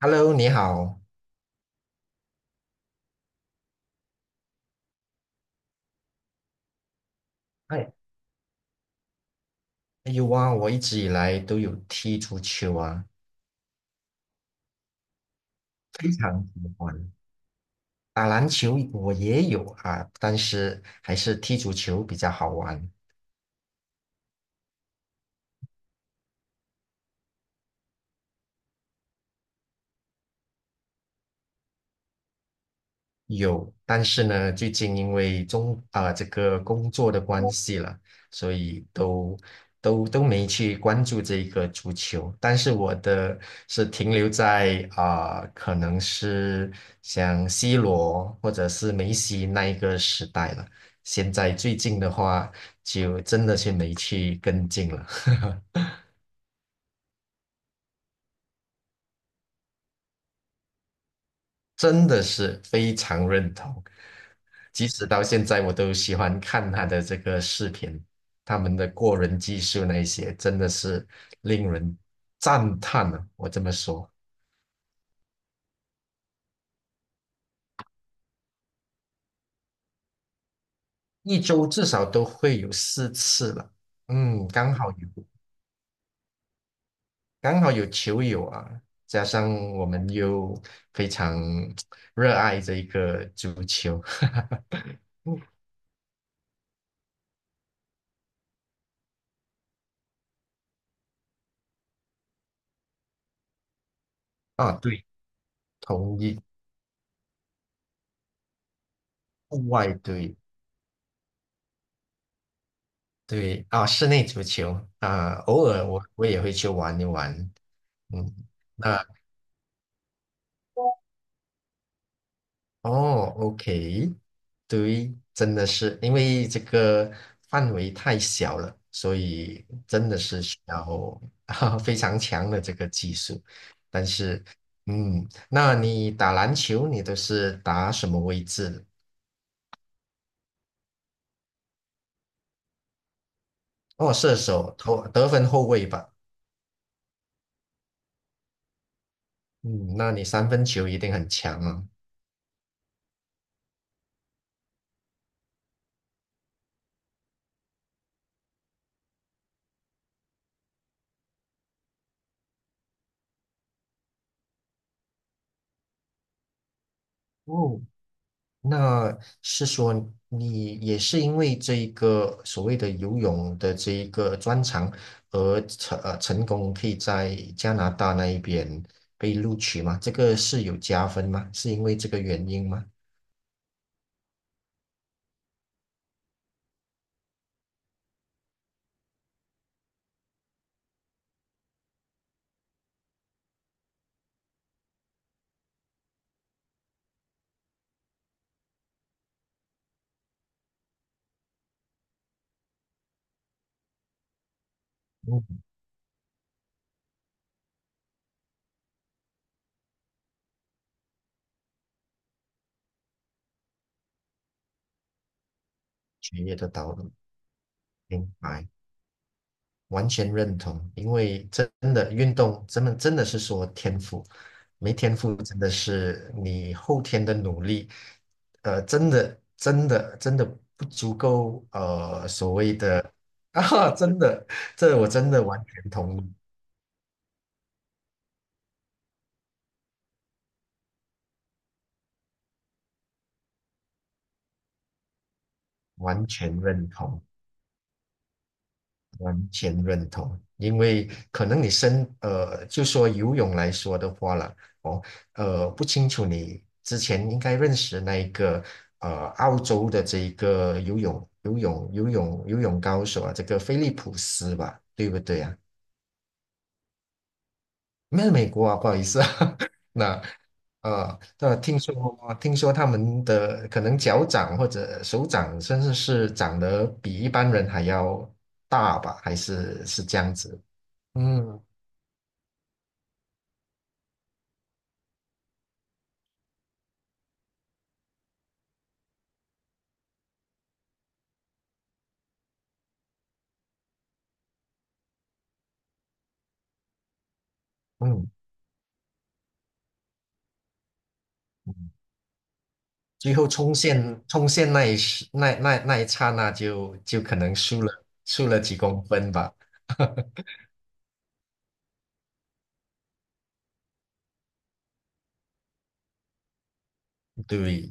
Hello，你好。哎，哎呦哇，我一直以来都有踢足球啊，非常喜欢。打篮球我也有啊，但是还是踢足球比较好玩。有，但是呢，最近因为这个工作的关系了，所以都没去关注这一个足球。但是我的是停留在可能是像 C 罗或者是梅西那一个时代了。现在最近的话，就真的是没去跟进了。真的是非常认同。即使到现在，我都喜欢看他的这个视频，他们的过人技术那一些，真的是令人赞叹啊！我这么说，一周至少都会有4次了。嗯，刚好有球友啊，加上我们又非常热爱这一个足球。啊，对，同意，户外对。对啊，室内足球啊，偶尔我也会去玩一玩。嗯，那哦，OK，对，真的是因为这个范围太小了，所以真的是需要 啊非常强的这个技术。但是，嗯，那你打篮球，你都是打什么位置的哦，射手、投得分后卫吧。嗯，那你三分球一定很强啊。哦那是说你也是因为这一个所谓的游泳的这一个专长而成功可以在加拿大那一边被录取吗？这个是有加分吗？是因为这个原因吗？嗯，学业的道路，明白。完全认同，因为真的运动，真的真的是说天赋，没天赋真的是你后天的努力，真的真的真的不足够，所谓的 啊，真的，这我真的完全同意，完全认同。完全认同，因为可能你就说游泳来说的话了，哦，不清楚你之前应该认识那一个澳洲的这一个游泳高手啊，这个菲利普斯吧，对不对啊？没有美国啊，不好意思啊，那。那听说他们的可能脚掌或者手掌，甚至是长得比一般人还要大吧，还是这样子？嗯，嗯嗯，最后冲线那一刹那就可能输了几公分吧，对，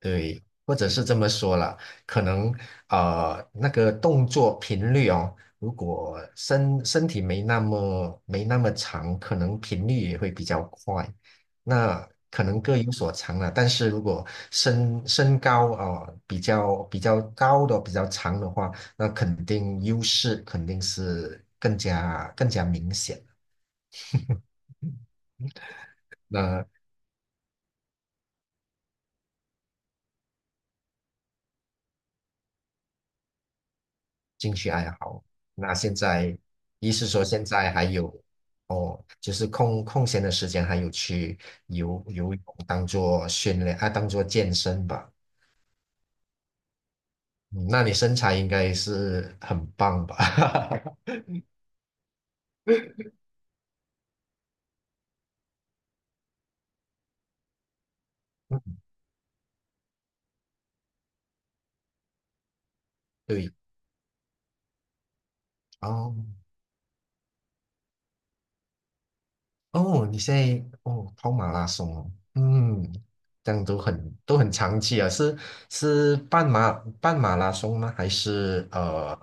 对，或者是这么说了，可能那个动作频率哦，如果身体没那么长，可能频率也会比较快。那可能各有所长了，但是如果身高比较高的比较长的话，那肯定优势肯定是更加明显。那兴趣爱好。那现在，一是说现在还有哦，就是空闲的时间还有去游泳，当做训练啊，当做健身吧。嗯，那你身材应该是很棒吧？嗯对，哦哦，你现在哦跑马拉松哦，嗯，这样都很长期啊，是半马拉松吗？还是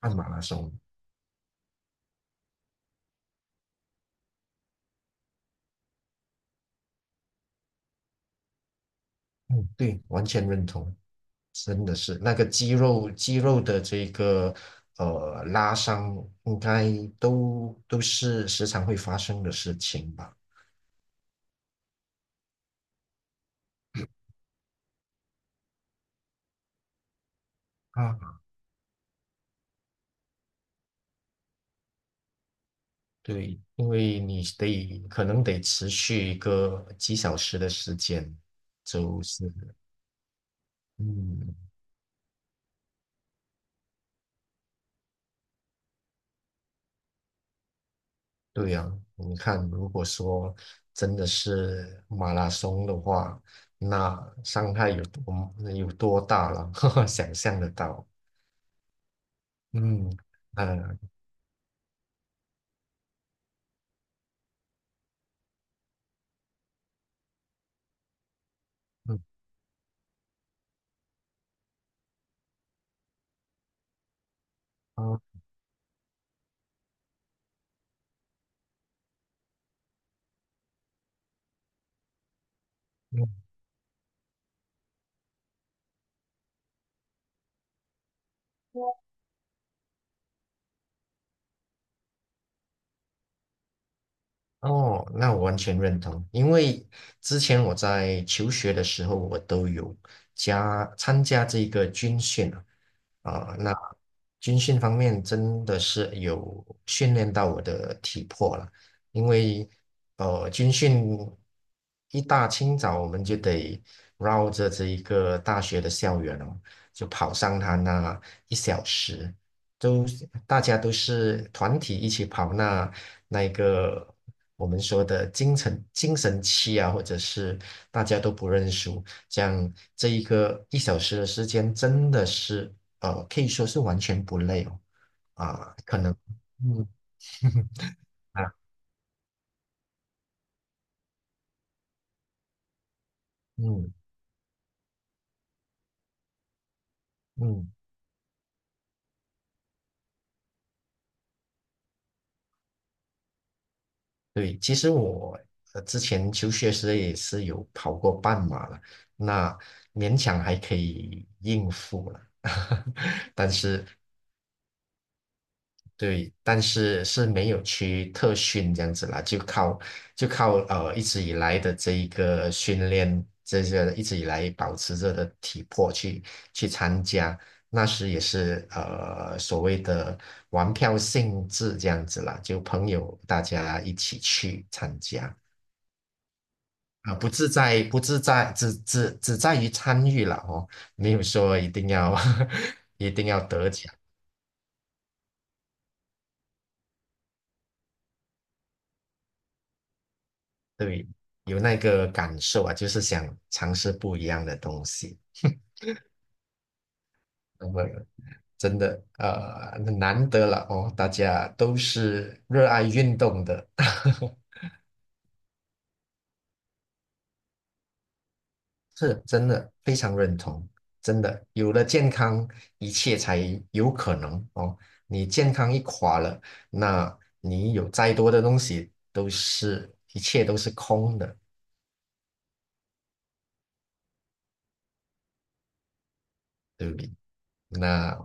半马拉松？嗯，对，完全认同。真的是那个肌肉的这个拉伤，应该都是时常会发生的事情吧？啊，对，因为你得可能得持续一个几小时的时间，就是嗯，对呀、你看，如果说真的是马拉松的话，那伤害有多大了？想象得到，嗯，呃，嗯，好。嗯哦，那我完全认同，因为之前我在求学的时候，我都有参加这个军训啊，那军训方面真的是有训练到我的体魄了，因为军训一大清早我们就得绕着这一个大学的校园哦，就跑上它那一小时，都大家都是团体一起跑那一个我们说的精神期啊，或者是大家都不认输，这样这一个一小时的时间真的是可以说是完全不累哦啊，可能嗯 啊嗯嗯对，其实我之前求学时也是有跑过半马了，那勉强还可以应付了。但是对，但是是没有去特训这样子啦，就靠一直以来的这一个训练，这些一直以来保持着的体魄去参加，那时也是所谓的玩票性质这样子啦，就朋友大家一起去参加不自在，只在于参与了哦，没有说一定要 一定要得奖对，有那个感受啊，就是想尝试不一样的东西。那么，真的难得了哦，大家都是热爱运动的，是真的非常认同。真的，有了健康，一切才有可能哦。你健康一垮了，那你有再多的东西都是一切都是空的。那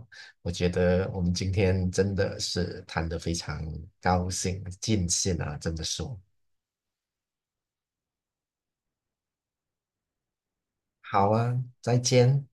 我觉得我们今天真的是谈得非常高兴，尽兴啊，这么说。好啊，再见。